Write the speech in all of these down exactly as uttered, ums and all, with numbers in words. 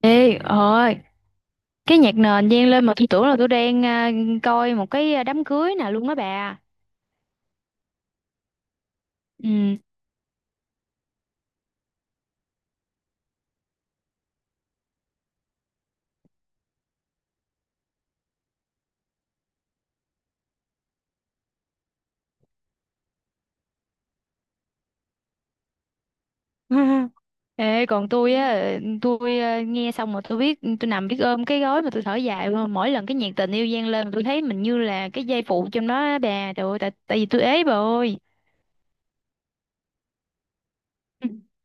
Ê, ơi, cái nhạc nền vang lên mà tôi tưởng là tôi đang à, coi một cái à, đám cưới nè luôn á bà. Ừ. Ê, còn tôi á, tôi à, nghe xong mà tôi biết, tôi nằm biết ôm cái gối mà tôi thở dài luôn. Mỗi lần cái nhạc tình yêu vang lên tôi thấy mình như là cái dây phụ trong đó á bà. Trời ơi, tại, tại vì tôi ế bà ơi.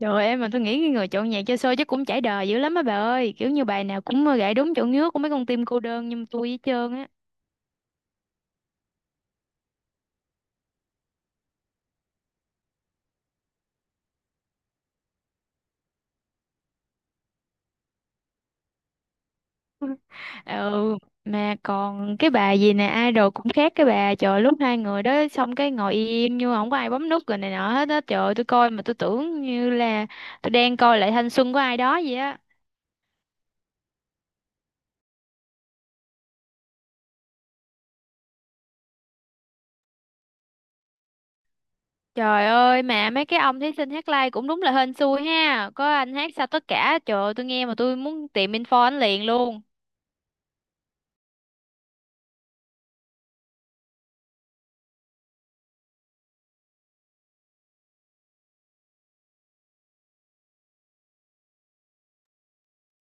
Trời ơi, em mà tôi nghĩ cái người chọn nhạc cho show chắc cũng trải đời dữ lắm á bà ơi. Kiểu như bài nào cũng gảy đúng chỗ ngứa của mấy con tim cô đơn nhưng mà tôi với trơn á. Ừ, mà còn cái bà gì nè idol cũng khác cái bà trời lúc hai người đó xong cái ngồi im nhưng mà không có ai bấm nút rồi này nọ hết á. Trời ơi, tôi coi mà tôi tưởng như là tôi đang coi lại thanh xuân của ai đó vậy á. Trời ơi mà mấy cái ông thí sinh hát live cũng đúng là hên xui ha, có anh hát sao tất cả, trời ơi, tôi nghe mà tôi muốn tìm info anh liền luôn.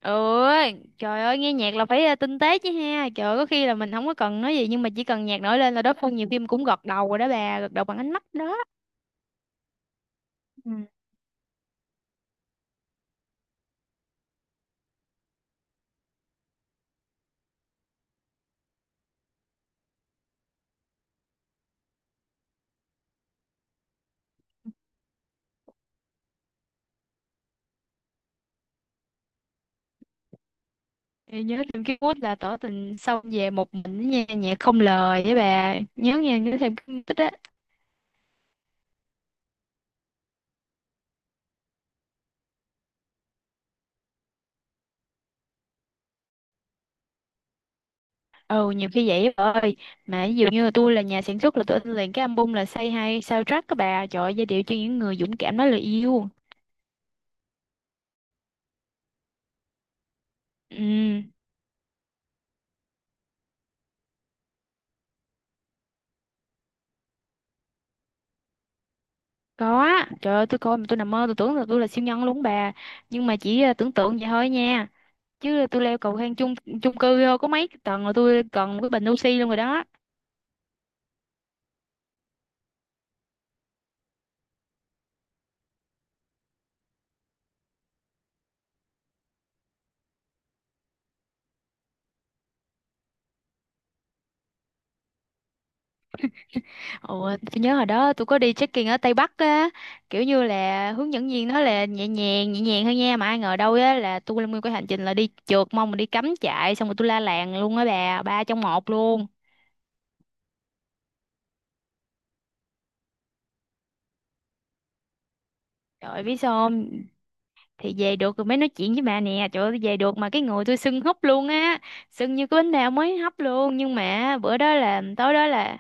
Ừ, trời ơi, nghe nhạc là phải ờ, tinh tế chứ ha. Trời ơi, có khi là mình không có cần nói gì nhưng mà chỉ cần nhạc nổi lên là đối phương nhiều khi cũng gật đầu rồi đó bà, gật đầu bằng ánh mắt đó. Ừ. Ê, nhớ thêm cái quýt là tỏ tình xong về một mình nha, nhạc không lời với bà nhớ nha, nhớ thêm cái tích á. Ừ, nhiều khi vậy á bà ơi. Mà ví dụ như là tôi là nhà sản xuất là tôi in liền cái album là Say Hi soundtrack các bà, trời ơi, giai điệu cho những người dũng cảm nói lời yêu. Ừ, có á. Trời ơi, tôi coi mà tôi nằm mơ tôi tưởng là tôi là siêu nhân luôn bà. Nhưng mà chỉ ờ, tưởng tượng vậy thôi nha. Chứ tôi leo cầu thang chung chung cư ờ, có mấy tầng là tôi cần một cái bình oxy luôn rồi đó. Ủa, tôi nhớ hồi đó tôi có đi trekking ở Tây Bắc á, kiểu như là hướng dẫn viên nói là nhẹ nhàng, nhẹ nhàng thôi nha, mà ai ngờ đâu á là tôi lên nguyên cái hành trình là đi trượt mông mà đi cắm trại xong rồi tôi la làng luôn á bà, ba trong một luôn. Trời ơi, biết sao không? Thì về được rồi mới nói chuyện với bà nè, trời ơi tôi về được mà cái người tôi sưng húp luôn á, sưng như cái bánh bao mới hấp luôn, nhưng mà bữa đó là tối đó là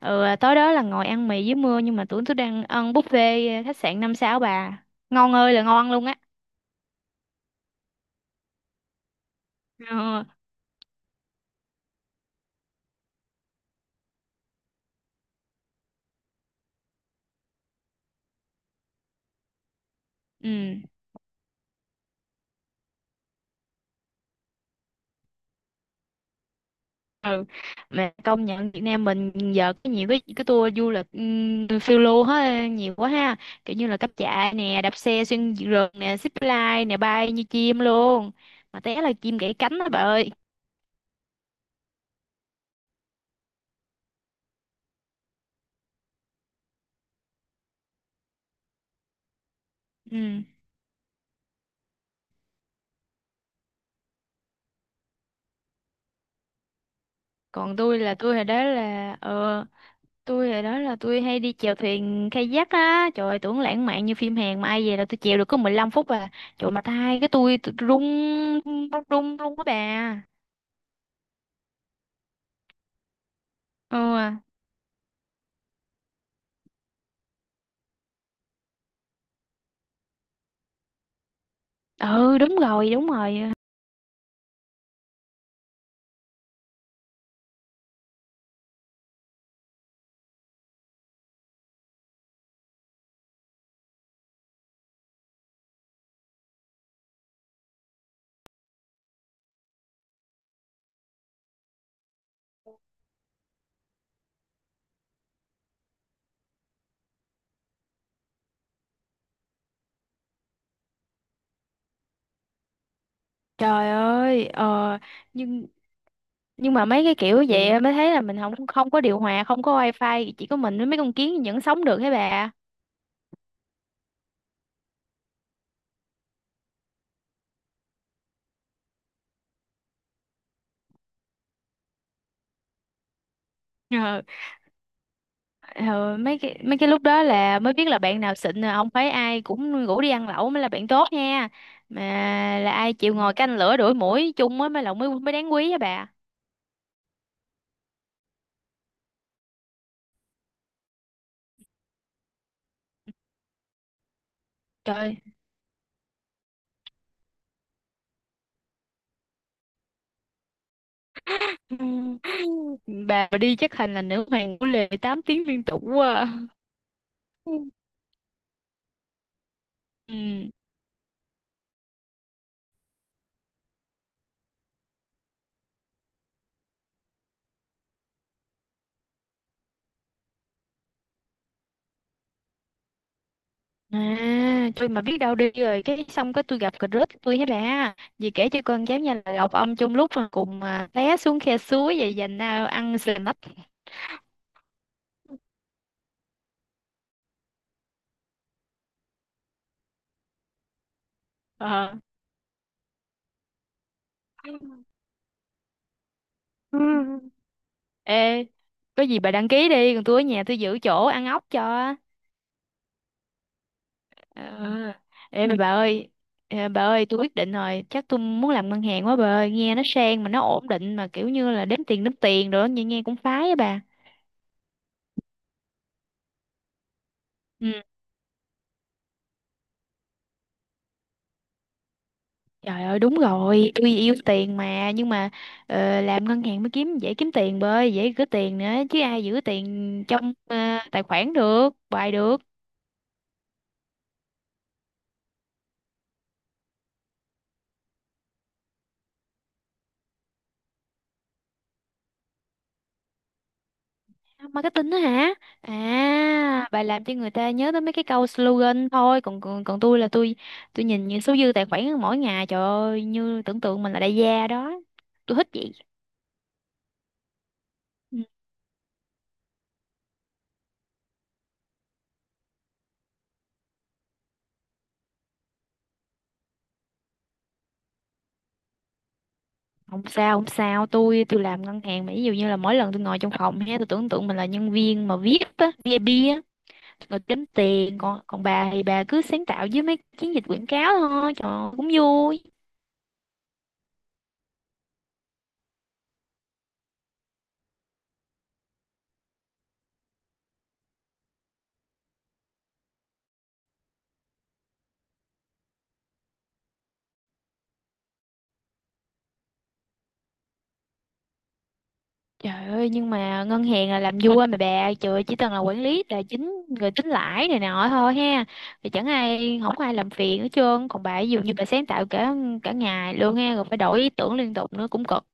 ừ, tối đó là ngồi ăn mì dưới mưa nhưng mà tưởng tôi đang ăn buffet khách sạn năm sao bà. Ngon ơi là ngon luôn á. Ờ. Ừ. Ừ, mà công nhận Việt Nam mình giờ có nhiều cái cái tour du lịch um, phiêu lưu hết nhiều quá ha, kiểu như là cáp trại nè, đạp xe xuyên rừng nè, zip line nè, bay như chim luôn. Mà té là chim gãy cánh đó bà ơi. Ừ. Còn tôi là tôi hồi đó là ờ tôi hồi đó là tôi hay đi chèo thuyền kayak á, trời ơi, tưởng lãng mạn như phim Hàn mà ai về là tôi chèo được có mười lăm phút à. Trời, mà tay cái tôi tôi rung rung rung luôn á bà. Ừ à. Ừ, đúng rồi đúng rồi. Trời ơi, ờ, nhưng nhưng mà mấy cái kiểu vậy á, mới thấy là mình không không có điều hòa, không có wifi, chỉ có mình với mấy con kiến vẫn sống được thế bà. Ờ, ờ, mấy cái mấy cái lúc đó là mới biết là bạn nào xịn là không phải ai cũng rủ đi ăn lẩu mới là bạn tốt nha. Mà là ai chịu ngồi canh lửa đuổi muỗi chung á mới là mới mới đáng quý á bà. Trời. Bà đi chắc thành là nữ hoàng của lề tám tiếng liên tục quá. À. Ừ. À, tôi mà biết đâu đi rồi cái xong cái tôi gặp cà rớt tôi hết ra vì kể cho con cháu nhà là gặp ông chung lúc mà cùng à, té xuống khe suối vậy dành à, ăn sờ nách. Ờ. Ừ. Ê, có gì bà đăng ký đi còn tôi ở nhà tôi giữ chỗ ăn ốc cho. Ờ. Ê mà bà ơi, ờ, bà ơi tôi quyết định rồi, chắc tôi muốn làm ngân hàng quá bà ơi, nghe nó sang mà nó ổn định, mà kiểu như là đếm tiền đếm tiền rồi đó, nghe nghe cũng phái á bà. Ừ. Trời ơi đúng rồi, tôi yêu tiền mà, nhưng mà ờ, làm ngân hàng mới kiếm dễ kiếm tiền bơi, dễ gửi tiền nữa. Chứ ai giữ tiền trong ờ, tài khoản được, bài được. Marketing đó hả? À, bài làm cho người ta nhớ tới mấy cái câu slogan thôi, còn còn, còn tôi là tôi tôi nhìn những số dư tài khoản mỗi ngày, trời ơi như tưởng tượng mình là đại gia đó. Tôi thích vậy. Ừ. Không sao, không sao, tôi tôi làm ngân hàng mà ví dụ như là mỗi lần tôi ngồi trong phòng ha, tôi tưởng tượng mình là nhân viên mà viết á, vê i pê rồi kiếm tiền. Còn còn bà thì bà cứ sáng tạo với mấy chiến dịch quảng cáo thôi, trời ơi, cũng vui. Trời ơi nhưng mà ngân hàng là làm vua mà bà, trời ơi, chỉ cần là quản lý tài chính rồi tính lãi này nọ thôi ha, thì chẳng ai, không có ai làm phiền hết trơn. Còn bà ví dụ như bà sáng tạo cả cả ngày luôn ha, rồi phải đổi ý tưởng liên tục nữa cũng cực.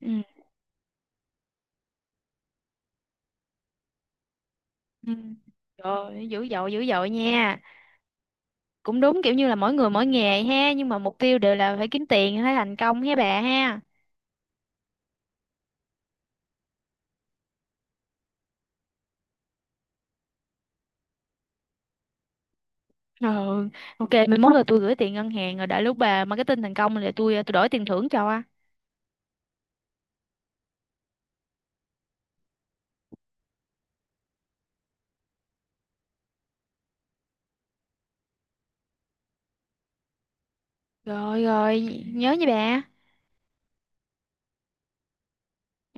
Ừ. Ừ. Trời ơi, dữ dội dữ dội nha. Cũng đúng, kiểu như là mỗi người mỗi nghề ha, nhưng mà mục tiêu đều là phải kiếm tiền, phải thành công ha bà ha. Ờ, ok, mai mốt là tôi gửi tiền ngân hàng rồi đợi lúc bà marketing thành công là tôi tôi đổi tiền thưởng cho. Rồi rồi, nhớ nha bà.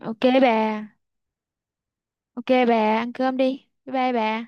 Ok bà. Ok bà, ăn cơm đi. Bye bye bà.